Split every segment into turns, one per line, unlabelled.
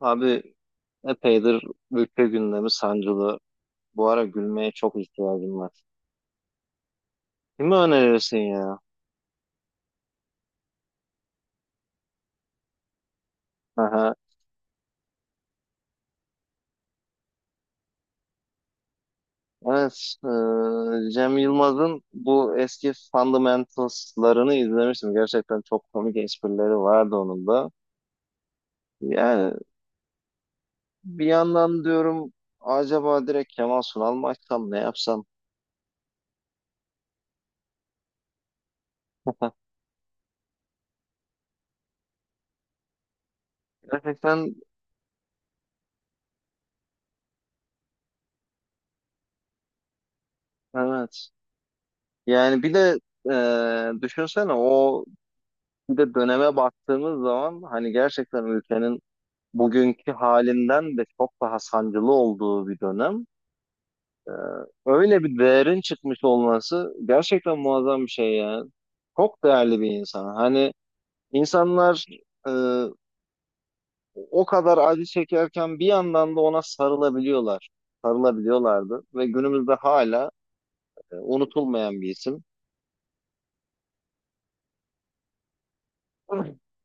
Abi epeydir ülke gündemi sancılı. Bu ara gülmeye çok ihtiyacım var. Kimi önerirsin ya? Aha. Evet, Cem Yılmaz'ın bu eski Fundamentals'larını izlemiştim. Gerçekten çok komik esprileri vardı onun da. Yani bir yandan diyorum acaba direkt Kemal Sunal mı açsam ne yapsam? Gerçekten evet. Yani bir de düşünsene o bir de döneme baktığımız zaman hani gerçekten ülkenin bugünkü halinden de çok daha sancılı olduğu bir dönem. Öyle bir değerin çıkmış olması gerçekten muazzam bir şey ya. Çok değerli bir insan. Hani insanlar e, o kadar acı çekerken bir yandan da ona sarılabiliyorlar. Sarılabiliyorlardı ve günümüzde hala unutulmayan bir isim.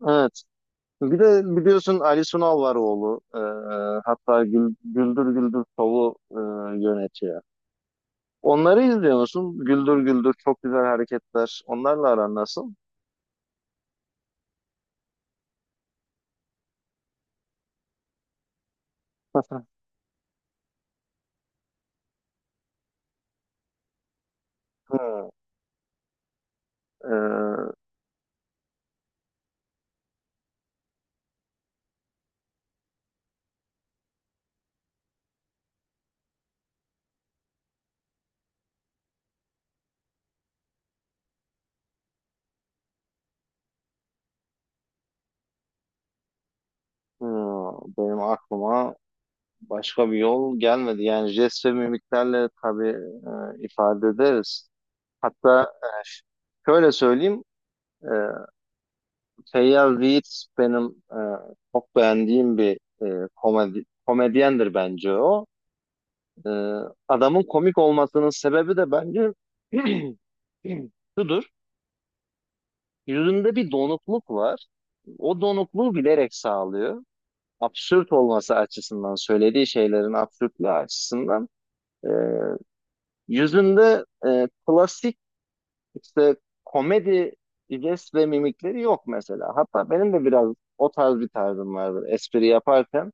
Evet. Bir de biliyorsun Ali Sunal var oğlu. Hatta Güldür Güldür Show'u yönetiyor. Onları izliyor musun? Güldür Güldür çok güzel hareketler. Onlarla aran nasıl? Hı, e, hı, benim aklıma başka bir yol gelmedi. Yani jest ve mimiklerle tabii ifade ederiz. Hatta şöyle söyleyeyim. E, Feyyaz Yiğit benim çok beğendiğim bir komedyendir bence o. E, adamın komik olmasının sebebi de bence şudur. Yüzünde bir donukluk var. O donukluğu bilerek sağlıyor. Absürt olması açısından, söylediği şeylerin absürtlüğü açısından. Ee, yüzünde klasik işte komedi jest ve mimikleri yok mesela. Hatta benim de biraz o tarz bir tarzım vardır espri yaparken.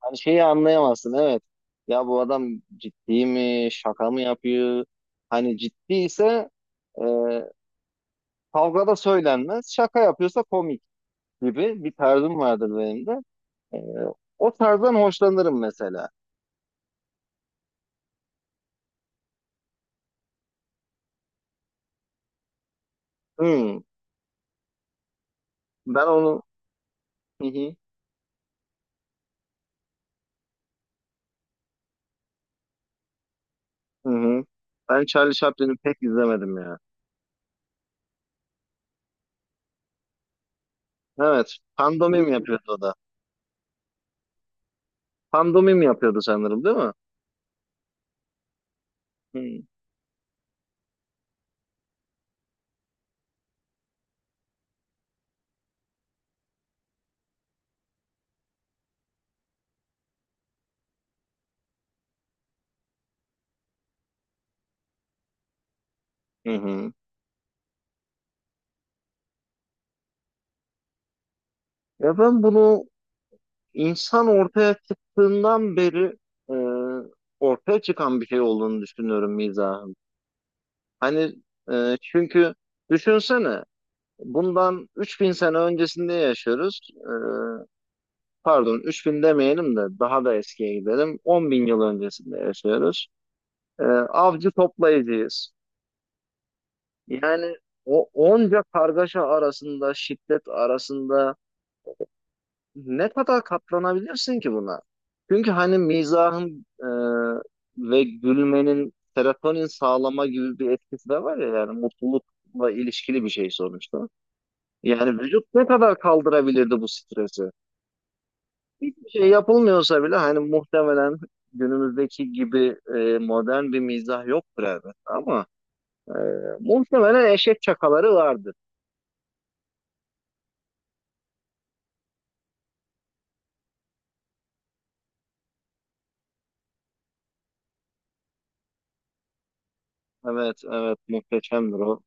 Hani şeyi anlayamazsın, evet. Ya bu adam ciddi mi, şaka mı yapıyor? Hani ciddiyse e, kavgada söylenmez, şaka yapıyorsa komik, gibi bir tarzım vardır benim de. Ee, o tarzdan hoşlanırım mesela. Hmm, ben onu hı hı, hı hı. Ben Charlie Chaplin'i pek izlemedim ya. Evet, pandomim yapıyordu o da. Pandomim yapıyordu sanırım, değil mi? Hı hı. Hı. Ya ben bunu insan ortaya çıktığından beri e, ortaya çıkan bir şey olduğunu düşünüyorum mizahın. Hani çünkü düşünsene bundan 3000 sene öncesinde yaşıyoruz. Pardon, 3000 demeyelim de daha da eskiye gidelim. 10 bin yıl öncesinde yaşıyoruz. Avcı toplayıcıyız. Yani o onca kargaşa arasında, şiddet arasında ne kadar katlanabilirsin ki buna? Çünkü hani mizahın ve gülmenin serotonin sağlama gibi bir etkisi de var ya, yani mutlulukla ilişkili bir şey sonuçta. Yani vücut ne kadar kaldırabilirdi bu stresi? Hiçbir şey yapılmıyorsa bile hani muhtemelen günümüzdeki gibi modern bir mizah yoktur elbette, ama e, muhtemelen eşek çakaları vardır. Evet, evet, muhteşemdir o.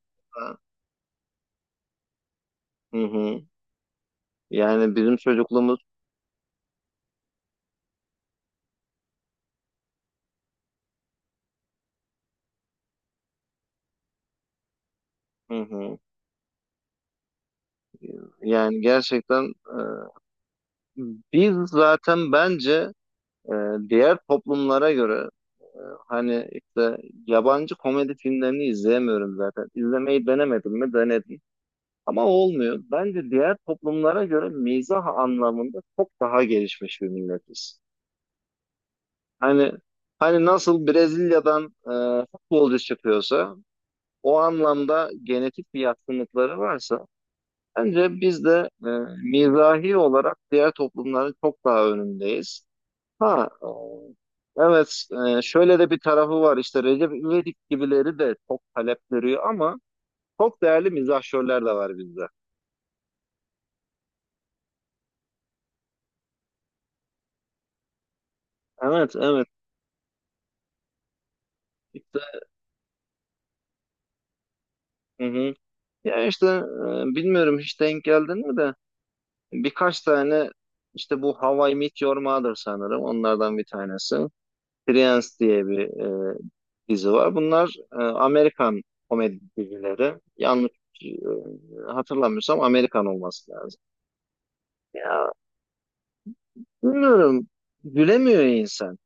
Hı hı. Yani bizim çocukluğumuz, hı hı. Yani gerçekten biz zaten bence e, diğer toplumlara göre e, hani işte yabancı komedi filmlerini izleyemiyorum zaten. İzlemeyi denemedim mi? Denedim. Ama olmuyor. Bence diğer toplumlara göre mizah anlamında çok daha gelişmiş bir milletiz. Hani nasıl Brezilya'dan futbolcu çıkıyorsa, o anlamda genetik bir yatkınlıkları varsa, bence biz de mizahi olarak diğer toplumların çok daha önündeyiz. Ha, evet, şöyle de bir tarafı var işte, Recep İvedik gibileri de çok talep görüyor ama çok değerli mizahşörler de var bizde. Evet, evet. İşte, hı hı. Ya işte bilmiyorum hiç denk geldin mi de, birkaç tane işte, bu How I Met Your Mother sanırım onlardan bir tanesi. Friends diye bir e, dizi var. Bunlar Amerikan komedi dizileri. Yanlış e, hatırlamıyorsam Amerikan olması lazım. Ya bilmiyorum, gülemiyor insan.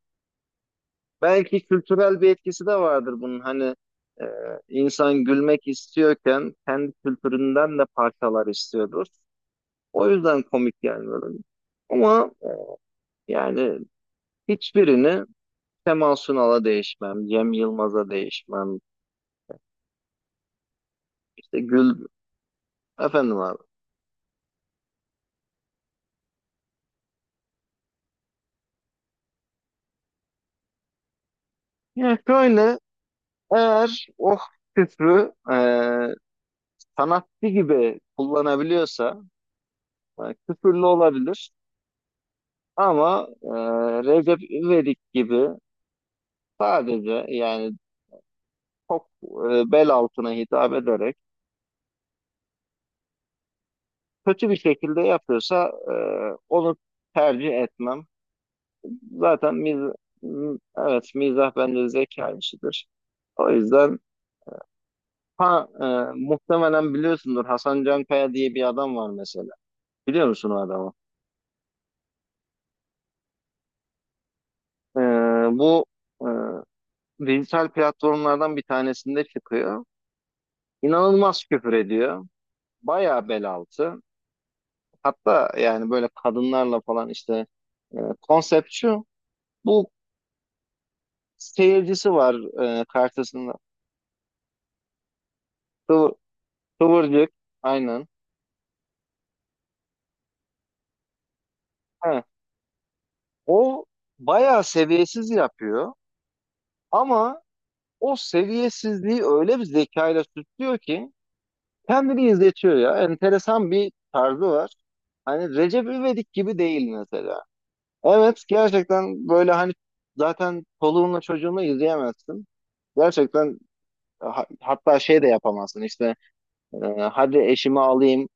Belki kültürel bir etkisi de vardır bunun. Hani e, insan gülmek istiyorken kendi kültüründen de parçalar istiyordur. O yüzden komik gelmiyor. Ama yani hiçbirini Kemal Sunal'a değişmem, Cem Yılmaz'a değişmem, işte Gül, efendim abi. Yani şöyle, eğer o küfrü sanatçı gibi kullanabiliyorsa e, küfürlü olabilir, ama Recep İvedik gibi sadece, yani çok bel altına hitap ederek kötü bir şekilde yapıyorsa onu tercih etmem. Zaten miz Evet, mizah bence zeka işidir. O yüzden, ha e, muhtemelen biliyorsundur, Hasan Cankaya diye bir adam var mesela. Biliyor musun o adamı? E, bu e, dijital platformlardan bir tanesinde çıkıyor. İnanılmaz küfür ediyor. Bayağı bel altı. Hatta yani böyle kadınlarla falan işte, konsept şu. Bu seyircisi var karşısında. Kıvır, kıvırcık, aynen. O bayağı seviyesiz yapıyor ama o seviyesizliği öyle bir zekayla süslüyor ki kendini izletiyor ya. Enteresan bir tarzı var. Hani Recep İvedik gibi değil mesela. Evet, gerçekten böyle hani zaten çoluğunla çocuğunla izleyemezsin. Gerçekten hatta şey de yapamazsın işte, e, hadi eşimi alayım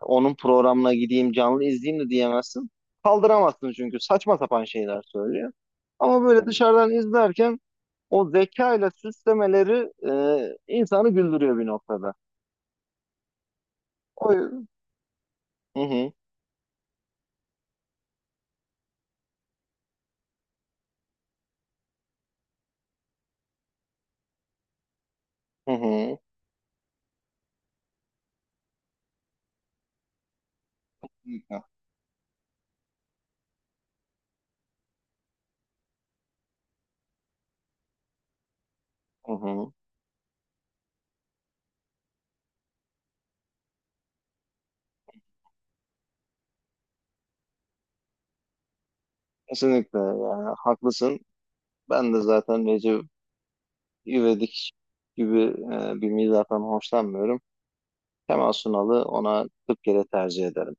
onun programına gideyim canlı izleyeyim de diyemezsin. Kaldıramazsın çünkü saçma sapan şeyler söylüyor. Ama böyle dışarıdan izlerken o zekayla süslemeleri insanı güldürüyor bir noktada. O yüzden. Hı hı, hı hı. Kesinlikle. Hı hı. Kesinlikle, yani haklısın. Ben de zaten Recep İvedik gibi bir mizahtan hoşlanmıyorum. Kemal Sunal'ı ona 40 kere tercih ederim.